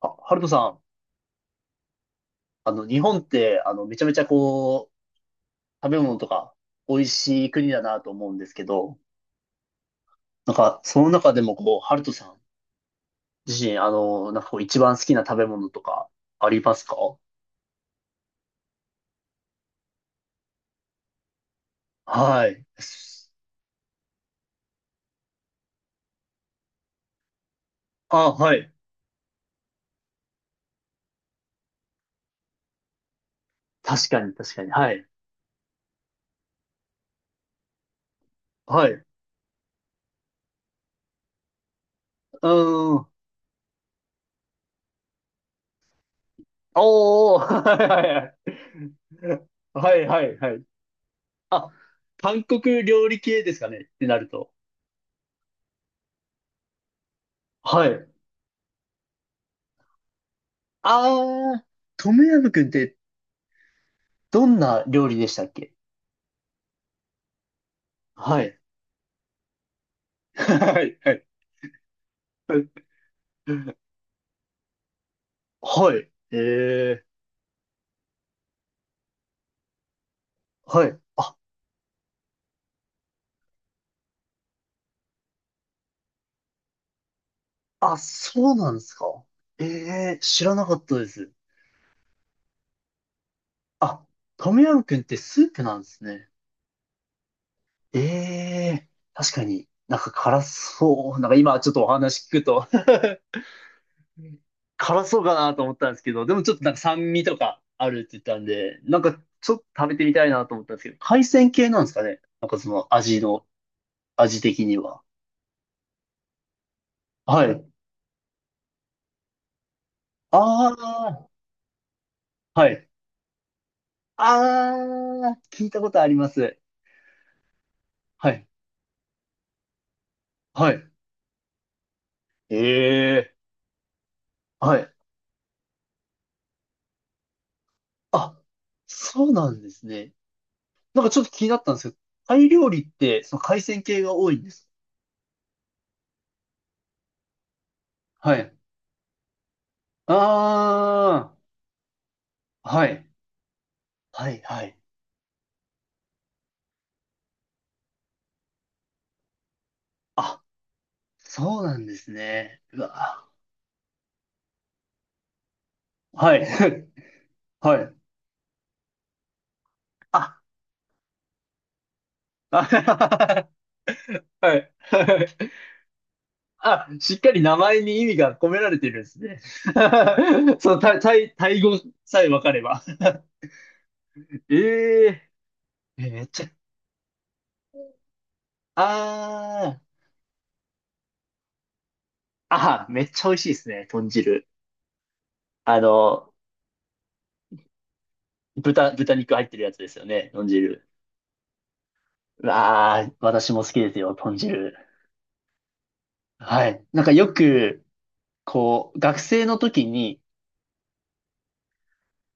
あ、ハルトさん、日本って、めちゃめちゃこう、食べ物とか、美味しい国だなと思うんですけど、なんか、その中でもこう、ハルトさん自身、なんかこう、一番好きな食べ物とかありますか？はい。あ、はい。確かに、確かに。はい。はい。うーん。おー、はい、はい、はい。はい。はいあ、韓国料理系ですかねってなると。はい。あー、トムヤムくんってどんな料理でしたっけ？はい。はい、はい。はい。ええはい。あ、あ、そうなんですか？ええ知らなかったです。あ、トムヤムクンってスープなんですね。ええ確かになんか辛そう。なんか今ちょっとお話聞くと 辛そうかなと思ったんですけど、でもちょっとなんか酸味とかあるって言ったんで、なんかちょっと食べてみたいなと思ったんですけど、海鮮系なんですかね。なんかその味の、味的には。はい。ああ、はい。ああ、聞いたことあります。はい。はい。ええ、はい。あ、そうなんですね。なんかちょっと気になったんですけど、タイ料理って、その海鮮系が多いんです？はい。ああ、はい。はい、はい。あ、そうなんですね。うわ。はい。はい。あ、あ はい。あ、しっかり名前に意味が込められてるんですね。その、タイ、タイタイ語さえ分かれば。えええめっちゃ、ああ、あめっちゃ美味しいですね、豚汁。あの、豚肉入ってるやつですよね、豚汁。わあ私も好きですよ、豚汁。はい。なんかよく、こう、学生の時に、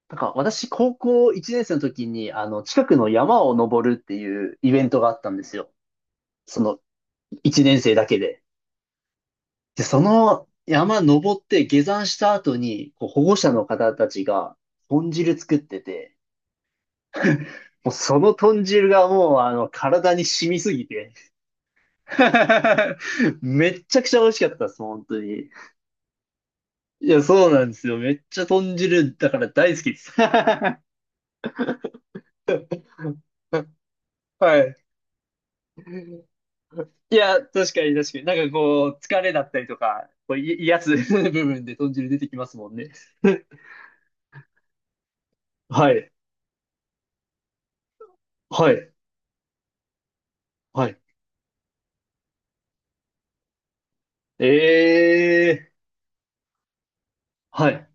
なんか私、高校1年生の時に、近くの山を登るっていうイベントがあったんですよ。その、1年生だけで。で、その山登って下山した後に、こう保護者の方たちが豚汁作ってて、もうその豚汁がもう体に染みすぎて めっちゃくちゃ美味しかったです、本当に。いや、そうなんですよ。めっちゃ豚汁だから大好きです。はい。いや、確かに確かに。なんかこう、疲れだったりとか、こう、癒やつ 部分で豚汁出てきますもんね。はい。はい。はい。ええはい。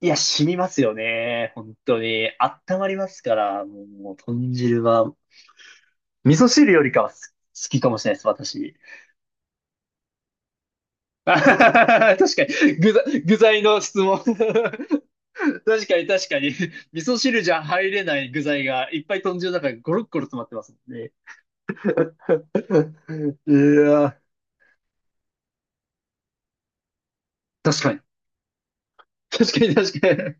いや、染みますよね。本当に。温まりますから、もう、もう豚汁は、味噌汁よりかは好きかもしれないです、私。あははは確かに、具材の質問。確かに、確かに。味噌汁じゃ入れない具材がいっぱい豚汁の中にゴロッゴロ詰まってますもんね。うわ、確かに。確かに、確かに。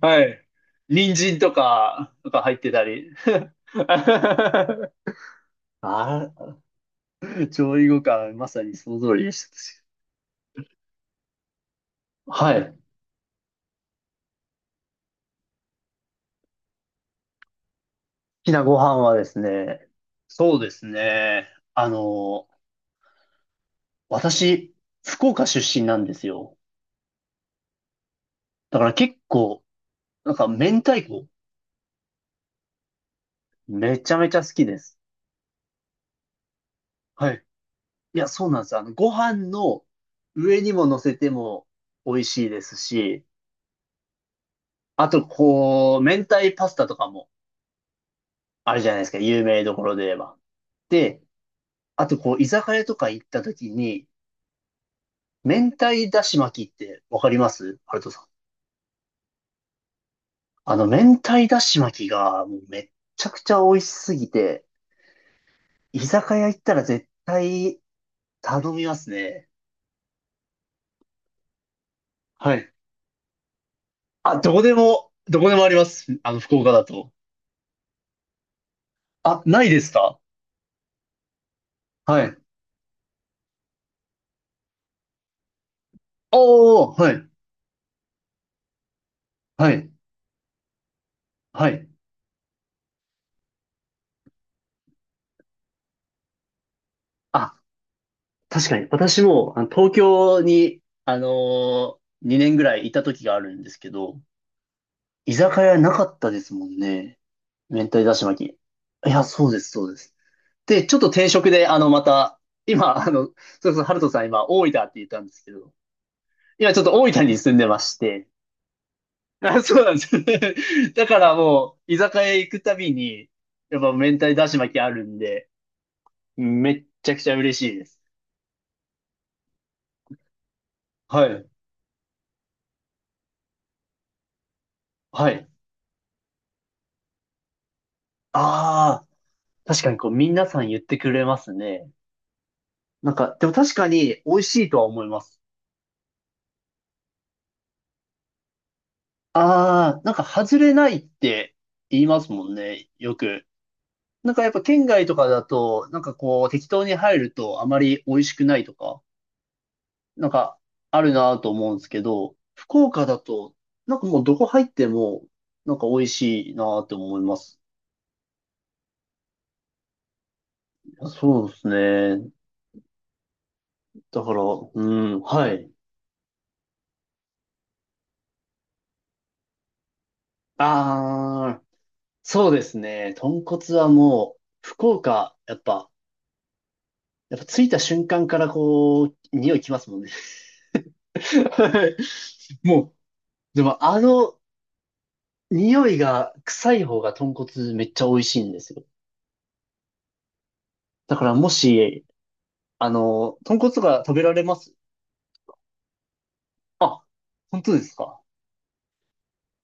はい。人参とか、入ってたり。あ、調理後からまさにその通りでした。はい。好きなご飯はですね、そうですね。あの、私、福岡出身なんですよ。だから結構、なんか明太子。めちゃめちゃ好きです。はい。いや、そうなんです。ご飯の上にも乗せても美味しいですし、あと、こう、明太パスタとかもあるじゃないですか。有名どころで言えば。で、あと、こう、居酒屋とか行った時に、明太だし巻きってわかりますハルトさん？明太だし巻きがもうめっちゃくちゃ美味しすぎて、居酒屋行ったら絶対頼みますね。はい。あ、どこでもあります。福岡だと。あ、ないですか？はい。おー、はい、はい、はい。あ、確かに。私も、東京に、2年ぐらいいた時があるんですけど、居酒屋なかったですもんね。明太だし巻き。いや、そうです、そうです。で、ちょっと転職で、また、今、そうそう、ハルトさん今、大分って言ったんですけど、今ちょっと大分に住んでまして、あ、そうなんです だからもう、居酒屋行くたびに、やっぱ明太だし巻きあるんで、めっちゃくちゃ嬉しいです。はい。はい。ああ、確かにこう、皆さん言ってくれますね。なんか、でも確かに美味しいとは思います。ああ、なんか外れないって言いますもんね、よく。なんかやっぱ県外とかだと、なんかこう適当に入るとあまり美味しくないとか、なんかあるなぁと思うんですけど、福岡だと、なんかもうどこ入っても、なんか美味しいなぁって思います。そうですね。だから、うん、はい。ああそうですね。豚骨はもう、福岡、やっぱ着いた瞬間からこう、匂いきますもんね。はいもう、でも匂いが臭い方が豚骨めっちゃ美味しいんですよ。だからもし、豚骨が食べられます？あ、本当ですか？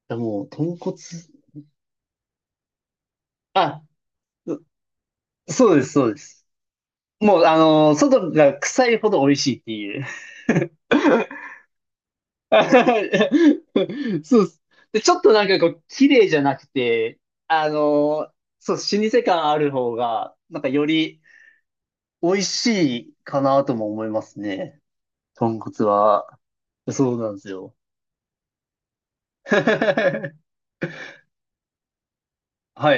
いやもう、豚骨、あ、うそうです、そうです。もう、外が臭いほど美味しいっていう。そうです。で、ちょっとなんかこう、綺麗じゃなくて、あの、そう、老舗感ある方が、なんかより美味しいかなとも思いますね。豚骨は。そうなんですよ。はい。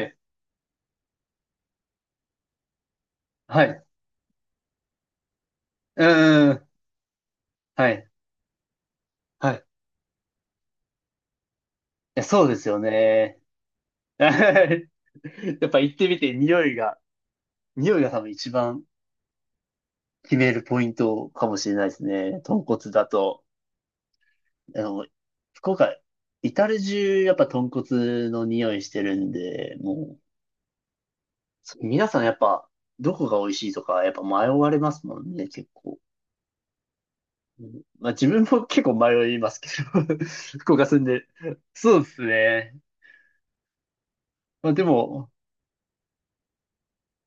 はい。うんん。はい。はい。いや、そうですよね。やっぱ行ってみて、匂いが多分一番決めるポイントかもしれないですね。豚骨だと。あの、福岡、至る中、やっぱ豚骨の匂いしてるんで、もう、皆さんやっぱ、どこが美味しいとか、やっぱ迷われますもんね、結構。うんまあ自分も結構迷いますけど、福岡住んで。そうですね。まあでも、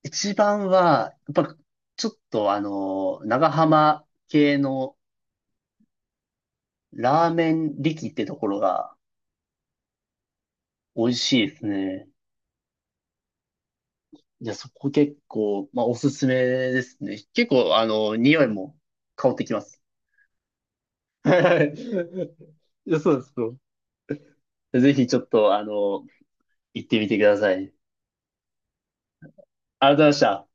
一番は、やっぱ、ちょっと長浜系のラーメン力ってところが美味しいですね。いや、そこ結構、まあおすすめですね。結構、匂いも香ってきます。はい。いや、そうですよ。ぜひちょっと、行ってみてください。ありがとうございました。